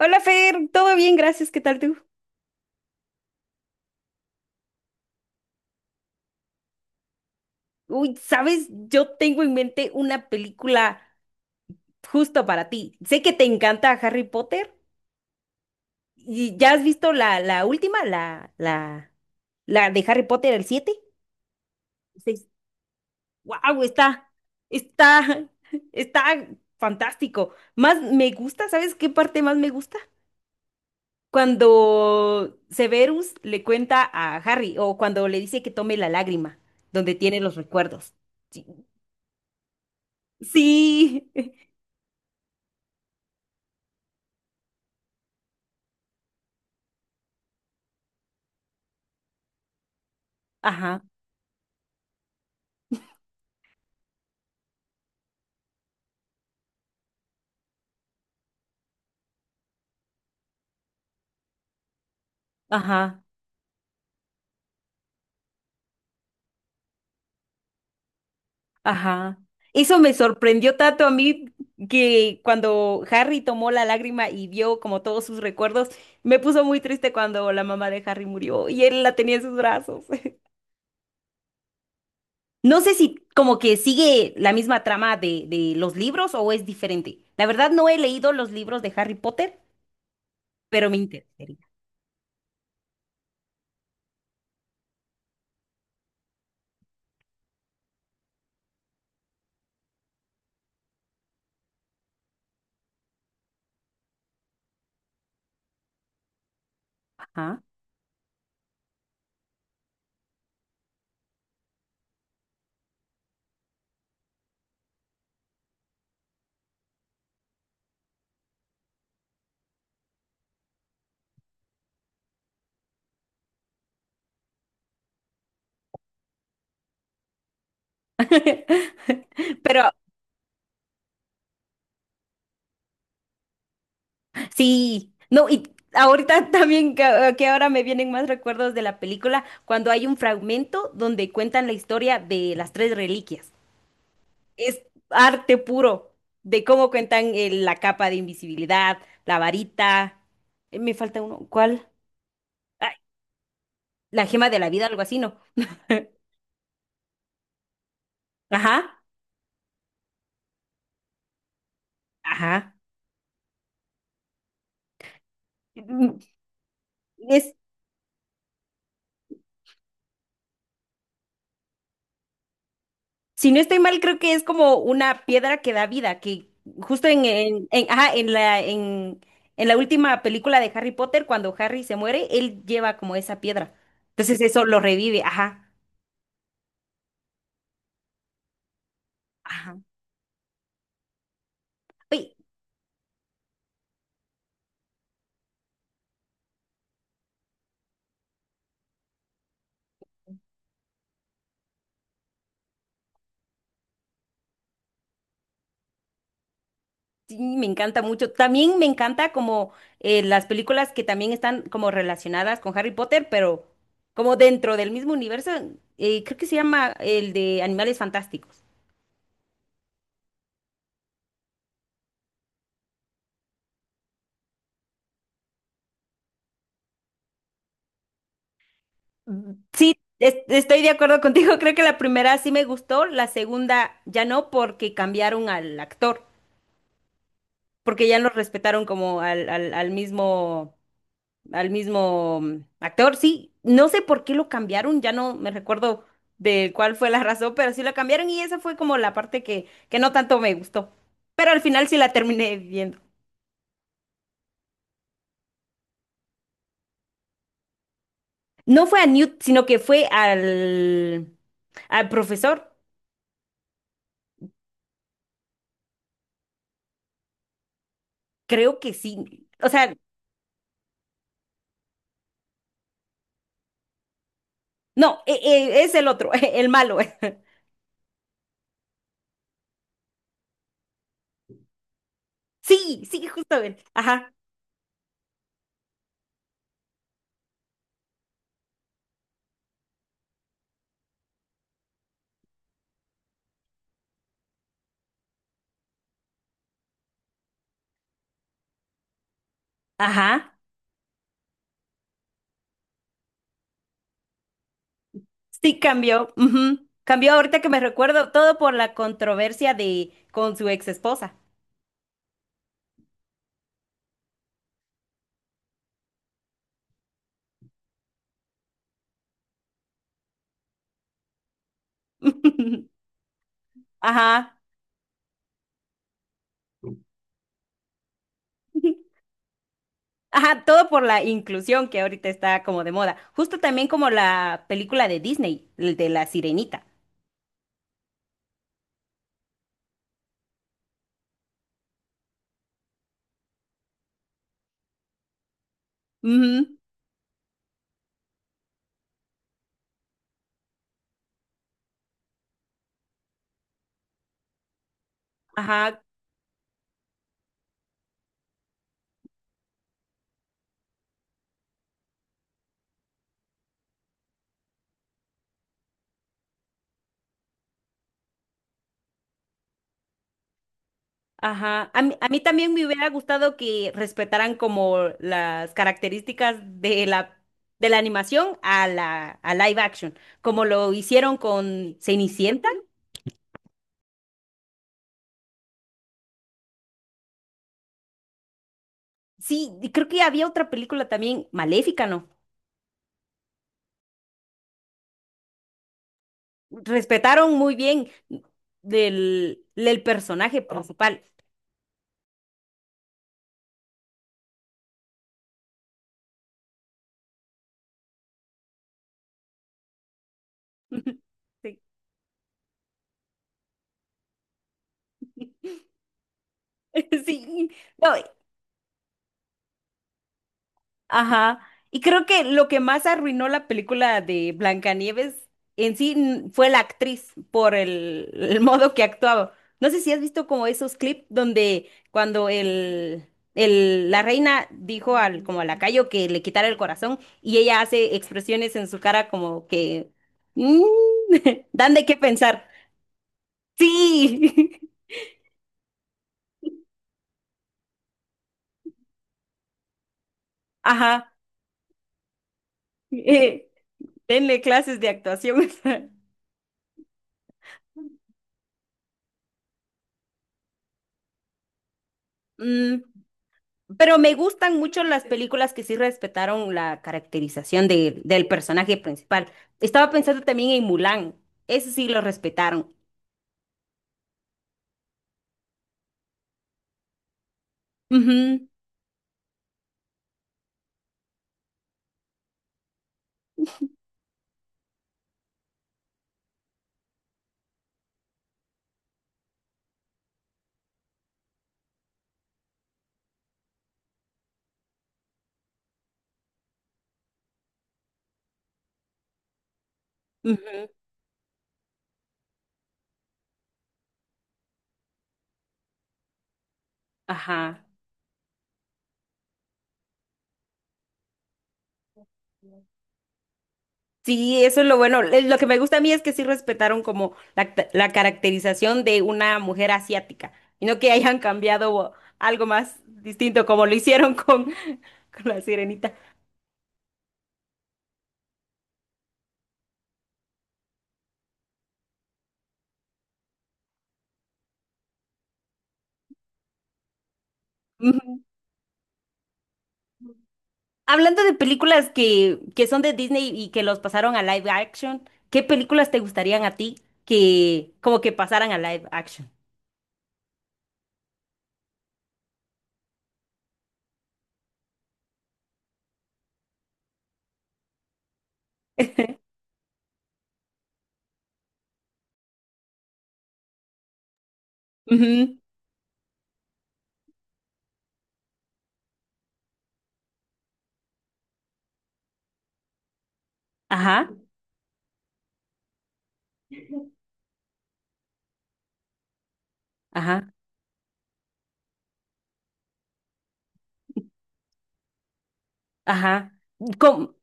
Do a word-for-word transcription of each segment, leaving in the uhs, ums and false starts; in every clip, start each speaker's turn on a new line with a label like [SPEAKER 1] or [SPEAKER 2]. [SPEAKER 1] Hola Fer, todo bien, gracias, ¿qué tal tú? Uy, sabes, yo tengo en mente una película justo para ti. Sé que te encanta Harry Potter y ya has visto la, la última, la, la, la de Harry Potter, el siete. Wow, está, está, está fantástico. Más me gusta, ¿sabes qué parte más me gusta? Cuando Severus le cuenta a Harry o cuando le dice que tome la lágrima, donde tiene los recuerdos. Sí, sí. Ajá, ajá, ajá. Eso me sorprendió tanto a mí que cuando Harry tomó la lágrima y vio como todos sus recuerdos, me puso muy triste cuando la mamá de Harry murió y él la tenía en sus brazos. No sé si como que sigue la misma trama de, de los libros o es diferente. La verdad no he leído los libros de Harry Potter, pero me interesaría. Ajá. Pero sí, no, y ahorita también que, que ahora me vienen más recuerdos de la película, cuando hay un fragmento donde cuentan la historia de las tres reliquias. Es arte puro de cómo cuentan eh, la capa de invisibilidad, la varita. eh, me falta uno, ¿cuál? Ay, la gema de la vida, algo así, ¿no? Ajá, ajá. Mm, Es Si no estoy mal, creo que es como una piedra que da vida, que justo en, en, en- ajá, en la, en, en la última película de Harry Potter, cuando Harry se muere, él lleva como esa piedra. Entonces eso lo revive, ajá, ajá. Oye, sí, me encanta mucho. También me encanta como eh, las películas que también están como relacionadas con Harry Potter, pero como dentro del mismo universo. eh, creo que se llama el de Animales Fantásticos. Sí, es- estoy de acuerdo contigo. Creo que la primera sí me gustó, la segunda ya no, porque cambiaron al actor, porque ya no respetaron como al, al, al mismo, al mismo mm, actor. Sí, no sé por qué lo cambiaron, ya no me recuerdo de cuál fue la razón, pero sí lo cambiaron y esa fue como la parte que, que no tanto me gustó. Pero al final sí la terminé viendo. No fue a Newt, sino que fue al, al profesor. Creo que sí. O sea, no, eh, eh, es el otro, el malo. Sí, sí, justo él. Ajá, ajá. Sí cambió. Ujú. Cambió ahorita que me recuerdo todo por la controversia de con su ex esposa. Ajá. Ajá, todo por la inclusión que ahorita está como de moda. Justo también como la película de Disney, el de La Sirenita. Ujú. Ajá, ajá, a mí, a mí también me hubiera gustado que respetaran como las características de la, de la animación a la a live action, como lo hicieron con Cenicienta. Sí, y creo que había otra película también, Maléfica, ¿no? Respetaron muy bien del, del personaje principal. Sí, sí. No, ajá. Y creo que lo que más arruinó la película de Blancanieves en sí mm, fue la actriz por el, el modo que actuaba. No sé si has visto como esos clips donde cuando el, el, la reina dijo al, como al lacayo que le quitara el corazón y ella hace expresiones en su cara como que mm, dan de qué pensar. Sí. Ajá. Eh, denle clases de actuación. Mm, pero me gustan mucho las películas que sí respetaron la caracterización de- del personaje principal. Estaba pensando también en Mulan. Eso sí lo respetaron. Ujú, ujú, ajá. Sí, eso es lo bueno. Eh, lo que me gusta a mí es que sí respetaron como la, ca- la caracterización de una mujer asiática. Y no que hayan cambiado algo más distinto como lo hicieron con, con la sirenita. Hablando de películas que, que son de Disney y que los pasaron a live action, ¿qué películas te gustarían a ti que como que pasaran a live action? Ujú. Ajá, ajá, ajá. Com-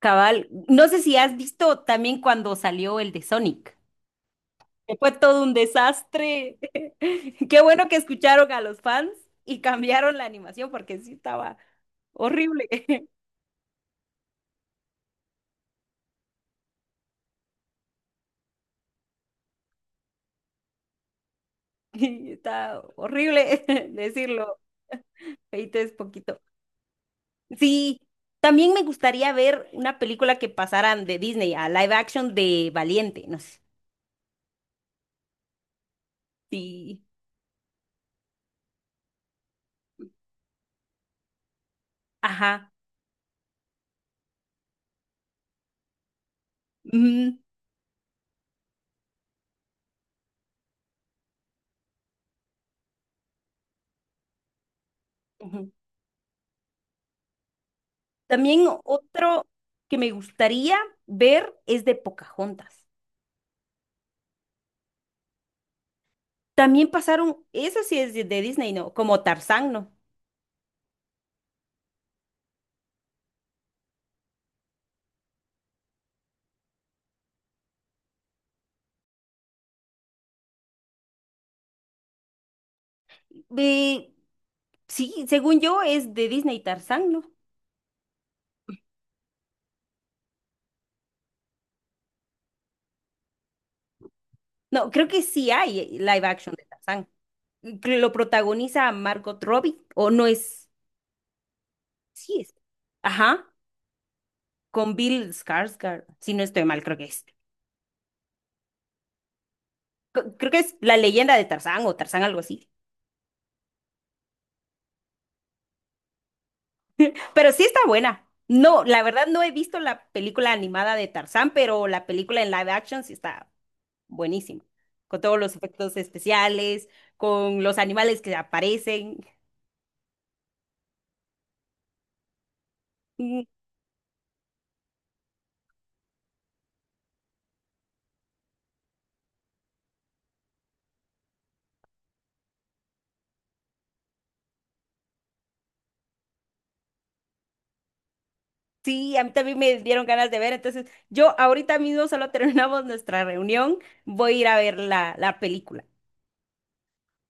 [SPEAKER 1] cabal, no sé si has visto también cuando salió el de Sonic, que fue todo un desastre. Qué bueno que escucharon a los fans y cambiaron la animación porque sí estaba horrible. Y está horrible decirlo. Feito es poquito. Sí, también me gustaría ver una película que pasaran de Disney a live action de Valiente, no sé. Sí, ajá. Ujú, ujú. También otro que me gustaría ver es de Pocahontas. También pasaron, eso sí es de, de Disney, ¿no? Como Tarzán, ¿no? Eh, sí, según yo es de Disney Tarzán, ¿no? No, creo que sí hay eh, live action de Tarzán. Que lo protagoniza Margot Robbie, o no es, sí es. Ajá. Con Bill Skarsgård, si no estoy mal, creo que es. C- Creo que es La leyenda de Tarzán o Tarzán algo así. Pero sí está buena. No, la verdad no he visto la película animada de Tarzán, pero la película en live action sí está buenísima. Con todos los efectos especiales, con los animales que aparecen. Mm, Sí, a mí también me dieron ganas de ver. Entonces, yo ahorita mismo solo terminamos nuestra reunión. Voy a ir a ver la, la película.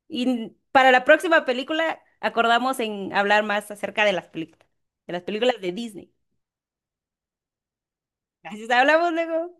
[SPEAKER 1] Y para la próxima película acordamos en hablar más acerca de las películas, de las películas de Disney. Así que hablamos luego.